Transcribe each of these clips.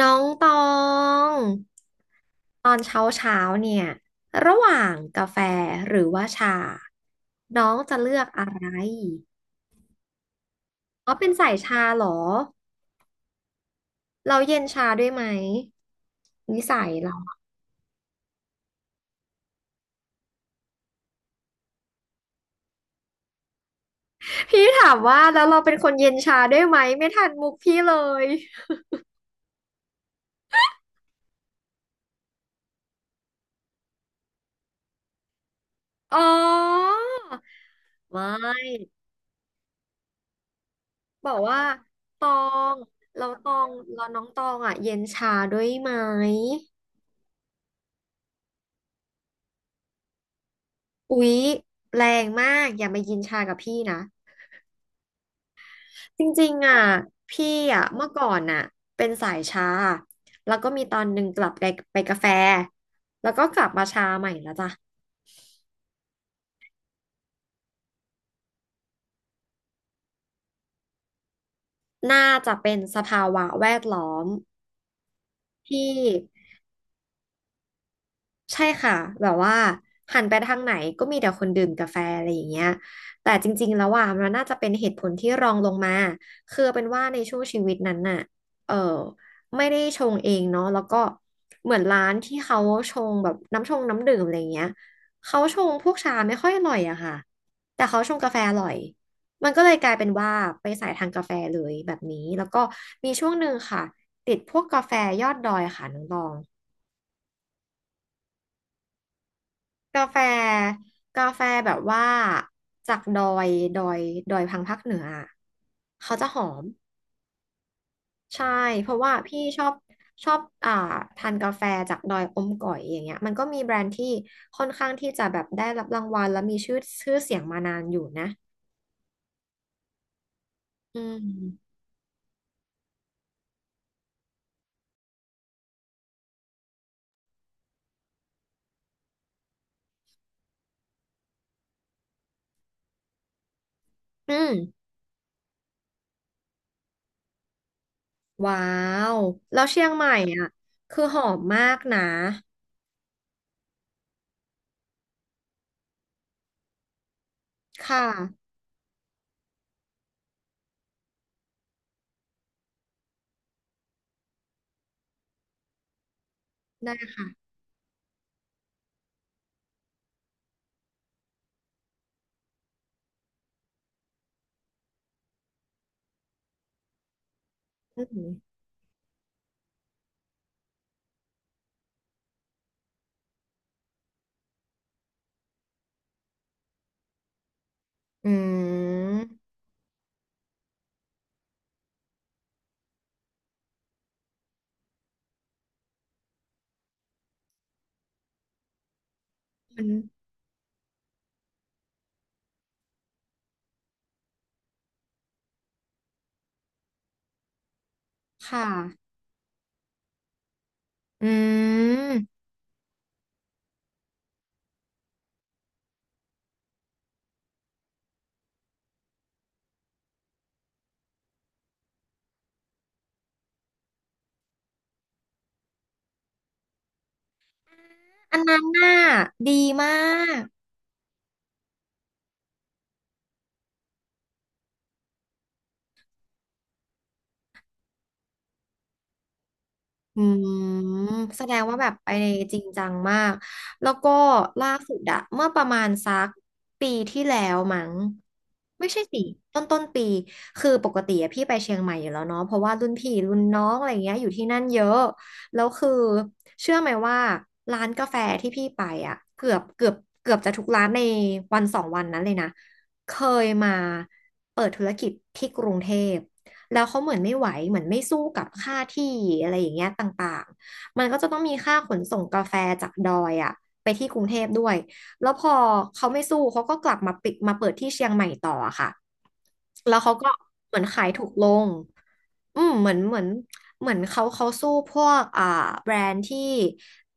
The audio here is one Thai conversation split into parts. น้องตองตอนเช้าเช้าเนี่ยระหว่างกาแฟหรือว่าชาน้องจะเลือกอะไรอ๋อเป็นสายชาเหรอเราเย็นชาด้วยไหมนิสัยเราพี่ถามว่าแล้วเราเป็นคนเย็นชาด้วยไหมไม่ทันมุกพี่เลยอ๋อไม่บอกว่าตองเราน้องตองอ่ะเย็นชาด้วยไหมอุ๊ยแรงมากอย่ามายินชากับพี่นะ จริงๆอ่ะพี่อ่ะเมื่อก่อนอ่ะเป็นสายชาแล้วก็มีตอนหนึ่งกลับไปไปกาแฟแล้วก็กลับมาชาใหม่แล้วจ้ะน่าจะเป็นสภาวะแวดล้อมที่ ใช่ค่ะแบบว่าหันไปทางไหนก็มีแต่คนดื่มกาแฟอะไรอย่างเงี้ยแต่จริงๆแล้วอ่ะมันน่าจะเป็นเหตุผลที่รองลงมาคือเป็นว่าในช่วงชีวิตนั้นน่ะเออไม่ได้ชงเองเนาะแล้วก็เหมือนร้านที่เขาชงแบบน้ำชงน้ำดื่มอะไรอย่างเงี้ยเขาชงพวกชาไม่ค่อยอร่อยอะค่ะแต่เขาชงกาแฟอร่อยมันก็เลยกลายเป็นว่าไปสายทางกาแฟเลยแบบนี้แล้วก็มีช่วงหนึ่งค่ะติดพวกกาแฟยอดดอยค่ะน้องตอง กาแฟกาแฟแบบว่าจากดอยดอยพังภาคเหนืออะเขาจะหอมใช่เพราะว่าพี่ชอบชอบทานกาแฟจากดอยอมก๋อยอย่างเงี้ยมันก็มีแบรนด์ที่ค่อนข้างที่จะแบบได้รับรางวัลและมีชื่อชื่อเสียงมานานอยู่นะอืมอืมว้าวแล้วเชียงใหม่อ่ะคือหอมมากนะค่ะได้อืมอืมมันค่ะอืม อันนั้นน่ะดีมากอืมแสดงว่าแบบไปจริงจังมากแล้วก็ล่าสุดอะเมื่อประมาณสักปีที่แล้วมั้งไม่ใช่สิต้นปีคือปกติอะพี่ไปเชียงใหม่อยู่แล้วเนาะเพราะว่ารุ่นพี่รุ่นน้องอะไรเงี้ยอยู่ที่นั่นเยอะแล้วคือเชื่อไหมว่าร้านกาแฟที่พี่ไปอะเกือบเกือบจะทุกร้านในวันสองวันนั้นเลยนะเคยมาเปิดธุรกิจที่กรุงเทพ แล้วเขาเหมือนไม่ไหวเหมือนไม่สู้กับค่าที่อะไรอย่างเงี้ยต่างๆมันก็จะต้องมีค่าขนส่งกาแฟจากดอยอะไปที่กรุงเทพด้วยแล้วพอเขาไม่สู้เขาก็กลับมาปิดมาเปิดที่เชียงใหม่ต่ออะค่ะแล้วเขาก็เหมือนขายถูกลงอืมเหมือนเหมือนเขาสู้พวกอ่าแบรนด์ที่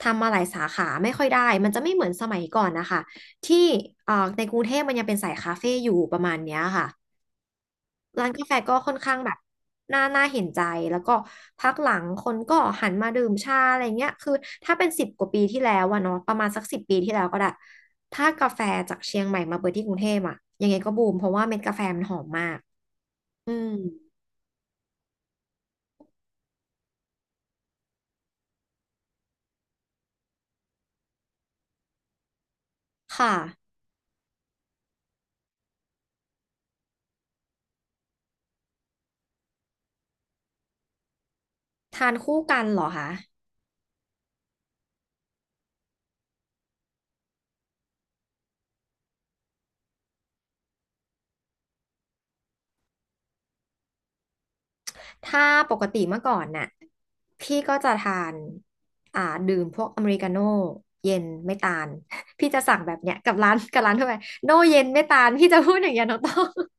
ทำมาหลายสาขาไม่ค่อยได้มันจะไม่เหมือนสมัยก่อนนะคะที่อ่าในกรุงเทพมันยังเป็นสายคาเฟ่อยู่ประมาณเนี้ยค่ะ ร้านกาแฟก็ค่อนข้างแบบน่าเห็นใจแล้วก็พักหลังคนก็หันมาดื่มชาอะไรเงี้ยคือถ้าเป็นสิบกว่าปีที่แล้วอะเนาะประมาณสักสิบปีที่แล้วก็ได้ถ้ากาแฟจากเชียงใหม่มาเปิดที่กรุงเทพอะยังไงก็บูมเพราะว่าเม็ดกาแฟมันหอมมากอืมค่ะทานคู่กันเหรอคะถ้าปกติเมื่อก่อนน่ะพี่ก็จะทานอ่าดื่มพวกอเมริกาโน่เย็นไม่ตาล พี่จะสั่งแบบเนี้ยกับร้านทั่วไปโน่เย็นไม่ตาลพี่จะพูดอย่างเงี้ยน้องต้อง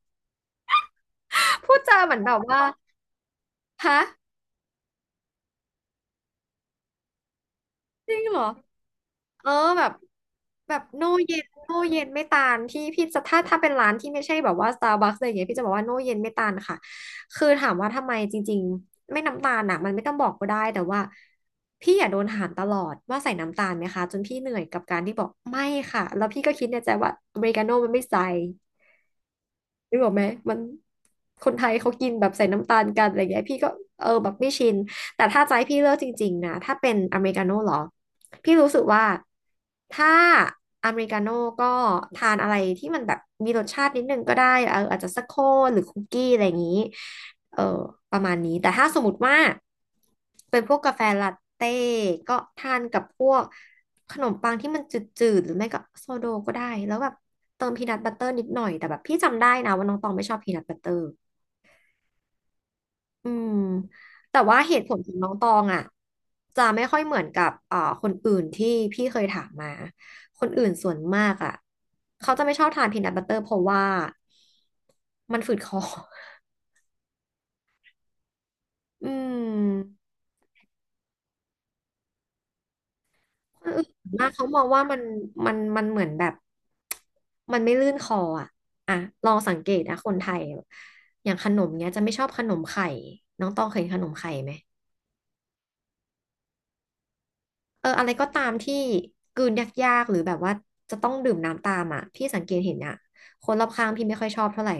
พูดจาเหมือนแบบว่าฮะจริงเหรอเออแบบแบบโนเย็นไม่ตาลพี่จะถ้าเป็นร้านที่ไม่ใช่แบบว่า Starbucks อะไรอย่างเงี้ยพี่จะบอกว่าโนเย็นไม่ตาลค่ะคือถามว่าทำไมจริงๆไม่น้ำตาลอ่ะมันไม่ต้องบอกก็ได้แต่ว่าพี่อย่าโดนถามตลอดว่าใส่น้ำตาลไหมคะจนพี่เหนื่อยกับการที่บอกไม่ค่ะแล้วพี่ก็คิดในใจว่าอเมริกาโน่มันไม่ใส่ นึกออกไหมมันคนไทยเขากินแบบใส่น้ำตาลกันอะไรเงี้ยพี่ก็แบบไม่ชินแต่ถ้าใจะให้พี่เลือกจริงๆนะถ้าเป็นอเมริกาโน่เหรอพี่รู้สึกว่าถ้าอเมริกาโน่ก็ทานอะไรที่มันแบบมีรสชาตินิดนึงก็ได้อาจจะสกโคกหรือคุกกี้อะไรอย่างนี้ เออประมาณนี้แต่ถ้าสมมติว่าเป็นพวกกาแฟลาเต้ก็ทานกับพวกขนมปังที่มันจืดๆหรือไม่ก็โซโดก็ได้แล้วแบบเติมพีนัทบัตเตอร์นิดหน่อยแต่แบบพี่จำได้นะว่าน้องตองไม่ชอบพีนัทบัตเตอร์อืมแต่ว่าเหตุผลของน้องตองอ่ะจะไม่ค่อยเหมือนกับคนอื่นที่พี่เคยถามมาคนอื่นส่วนมากอ่ะเขาจะไม่ชอบทานพีนัทบัตเตอร์เพราะว่ามันฝืดคอ อืม คนอื่นมากเขามองว่ามันมันเหมือนแบบมันไม่ลื่นคออ่ะอ่ะลองสังเกตนะคนไทยอย่างขนมเนี้ยจะไม่ชอบขนมไข่น้องต้องเคยเห็นขนมไข่ไหมเอออะไรก็ตามที่กลืนยากๆหรือแบบว่าจะต้องดื่มน้ำตามอ่ะพี่สังเกตเห็นอ่ะคนรอบข้างพี่ไม่ค่อยชอบเท่าไหร่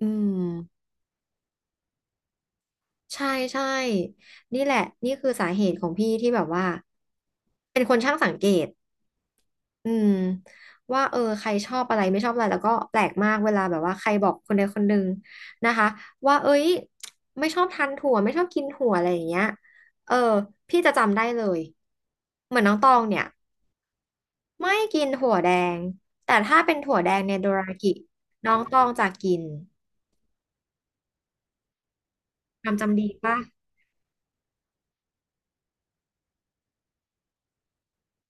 อืมใช่ใช่นี่แหละนี่คือสาเหตุของพี่ที่แบบว่าเป็นคนช่างสังเกต อืมว่าเออใครชอบอะไรไม่ชอบอะไรแล้วก็แปลกมากเวลาแบบว่าใครบอกคนใดคนหนึ่งนะคะว่าเอ้ยไม่ชอบทานถั่วไม่ชอบกินถั่วอะไรอย่างเงี้ยเออพี่จะจำได้เลยเหมือนน้องตองเนี่ยไม่กินถั่วแดงแต่ถ้าเป็นถั่วแดงในโดรากิน้องตองจะกินจำดีป่ะ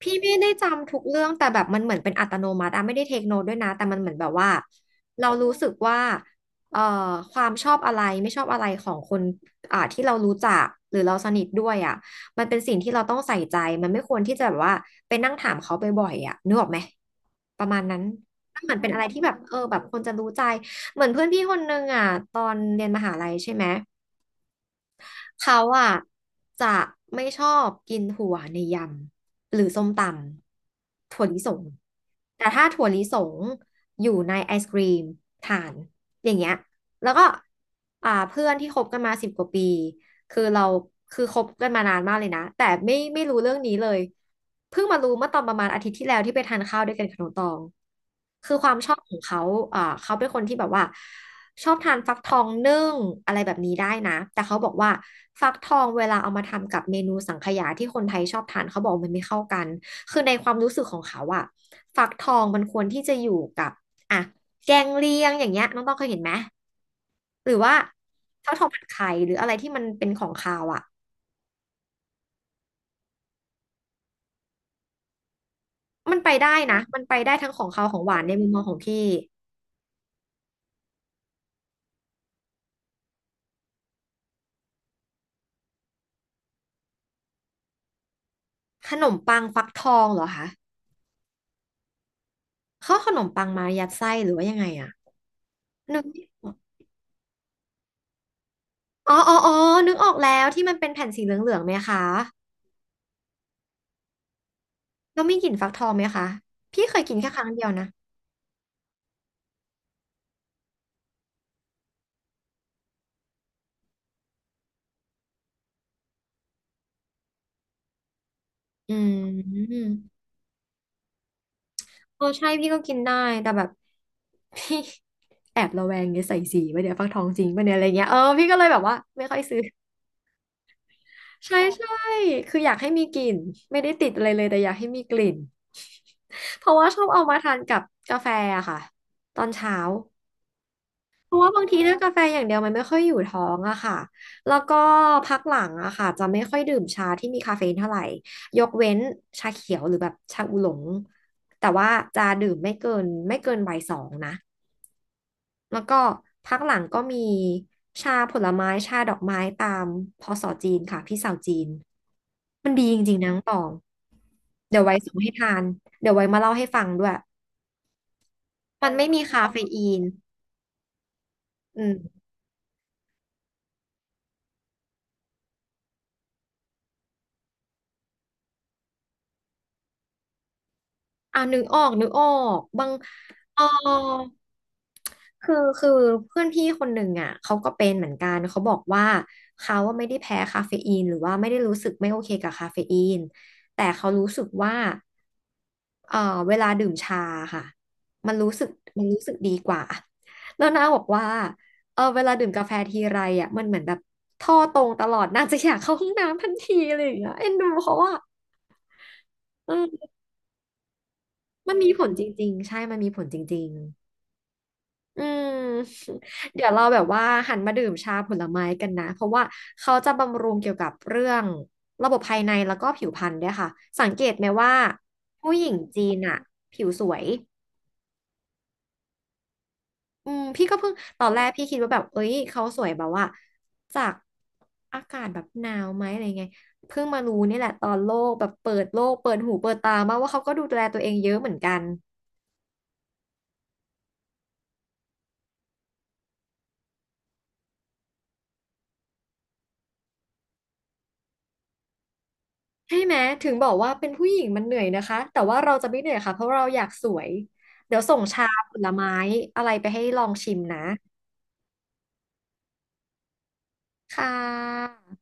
พี่ไม่ได้จำทุกเรื่องแต่แบบมันเหมือนเป็นอัตโนมัติอะไม่ได้เทคโนตด้วยนะแต่มันเหมือนแบบว่าเรารู้สึกว่าเอ่อความชอบอะไรไม่ชอบอะไรของคนอ่าที่เรารู้จักหรือเราสนิทด้วยอะมันเป็นสิ่งที่เราต้องใส่ใจมันไม่ควรที่จะแบบว่าไปนั่งถามเขาไปบ่อยๆอะนึกออกไหมประมาณนั้นมันเหมือนเป็นอะไรที่แบบเออแบบคนจะรู้ใจเหมือนเพื่อนพี่คนนึงอะตอนเรียนมหาลัยใช่ไหม เขาอ่ะจะไม่ชอบกินถั่วในยำหรือส้มตำถั่วลิสงแต่ถ้าถั่วลิสงอยู่ในไอศกรีมทานอย่างเงี้ยแล้วก็อ่าเพื่อนที่คบกันมาสิบกว่าปี คือเราคือคบกันมานานมากเลยนะแต่ไม่รู้เรื่องนี้เลยเพิ่งมารู้เมื่อตอนประมาณอาทิตย์ที่แล้วที่ไปทานข้าวด้วยกันขนมตองคือความชอบของเขาอ่าเขาเป็นคนที่แบบว่าชอบทานฟักทองนึ่งอะไรแบบนี้ได้นะแต่เขาบอกว่าฟักทองเวลาเอามาทำกับเมนูสังขยาที่คนไทยชอบทานเขาบอกมันไม่เข้ากันคือในความรู้สึกของเขาอะฟักทองมันควรที่จะอยู่กับอ่ะ แกงเลียงอย่างเงี้ยน้องต้องเคยเห็นไหมหรือว่าข้าวทองผัดไข่หรืออะไรที่มันเป็นของคาวอ่ะมันไปได้นะมันไปได้ทั้งของคาวของหวานในมุมมองของพี่ขนมปังฟักทองเหรอคะเขาเอาขนมปังมายัดไส้หรือว่ายังไงอ่ะนึกไม่ออกอ๋ออ๋ออ๋อนึกออกแล้วที่มันเป็นแผ่นสีเหลืองๆไหมคะแล้วมีกลิ่นฟักทองไหมคะพี่เคยกินแค่ครั้งเดียวนะอืม เออใช่พี่ก็กินได้แต่แบบ พี่แอบระแวงเนี่ยใส่สีไปเนี่ยวฟักทองจริงปะเนี่ยอะไรเงี้ยเออพี่ก็เลยแบบว่าไม่ค่อยซื้อใช่ใช่คืออยากให้มีกลิ่นไม่ได้ติดอะไรเลยแต่อยากให้มีกลิ่น เพราะว่าชอบเอามาทานกับกาแฟอะค่ะตอนเช้าเพราะว่าบางทีถ้ากาแฟอย่างเดียวมันไม่ค่อยอยู่ท้องอะค่ะแล้วก็พักหลังอะค่ะจะไม่ค่อยดื่มชาที่มีคาเฟอีนเท่าไหร่ยกเว้นชาเขียวหรือแบบชาอูหลงแต่ว่าจะดื่มไม่เกินบ่ายสองนะ แล้วก็พักหลังก็มีชาผลไม้ชาดอกไม้ตามพศจีนค่ะพี่สาวจีนมันดีจริงๆนะน้องตองเดี๋ยวไว้ส่งให้ทานเดี๋ยวไว้มาเล่าให้ฟังด้วยมันไม่มีคาเฟอีนอืมอ่านึกออกบางอ๋อ คือคือเพื่อนพี่คนหนึ่งอ่ะเขาก็เป็นเหมือนกันเขาบอกว่าเขาว่าไม่ได้แพ้คาเฟอีนหรือว่าไม่ได้รู้สึกไม่โอเคกับคาเฟอีนแต่เขารู้สึกว่าเอ่อเวลาดื่มชาค่ะมันรู้สึกมันรู้สึกดีกว่าแล้วน้าบอกว่าเออเวลาดื่มกาแฟทีไรอ่ะมันเหมือนแบบท่อตรงตลอดน่าจะอยากเข้าห้องน้ำทันทีเลยอย่างเงี้ยเอ็นดูเขาอ่ะเออมมันมีผลจริงๆใช่มันมีผลจริง อืม เดี๋ยวเราแบบว่าหันมาดื่มชาผลไม้กันนะเพราะว่าเขาจะบำรุงเกี่ยวกับเรื่องระบบภายในแล้วก็ผิวพรรณด้วยค่ะสังเกตไหมว่าผู้หญิงจีนอะผิวสวยอืมพี่ก็เพิ่งตอนแรกพี่คิดว่าแบบเอ้ยเขาสวยแบบว่าจากอากาศแบบหนาวไหมอะไรไงเพิ่งมารู้นี่แหละตอนโลกแบบเปิดโลกเปิดหูเปิดตามาว่าเขาก็ดูแลตัวเองเยอะเหมือนกัน ใช่ไหมถึงบอกว่าเป็นผู้หญิงมันเหนื่อยนะคะแต่ว่าเราจะไม่เหนื่อยค่ะเพราะเราอยากสวยเดี๋ยวส่งชาผลไม้อะไรไปให้ลองชิมนะค่ะ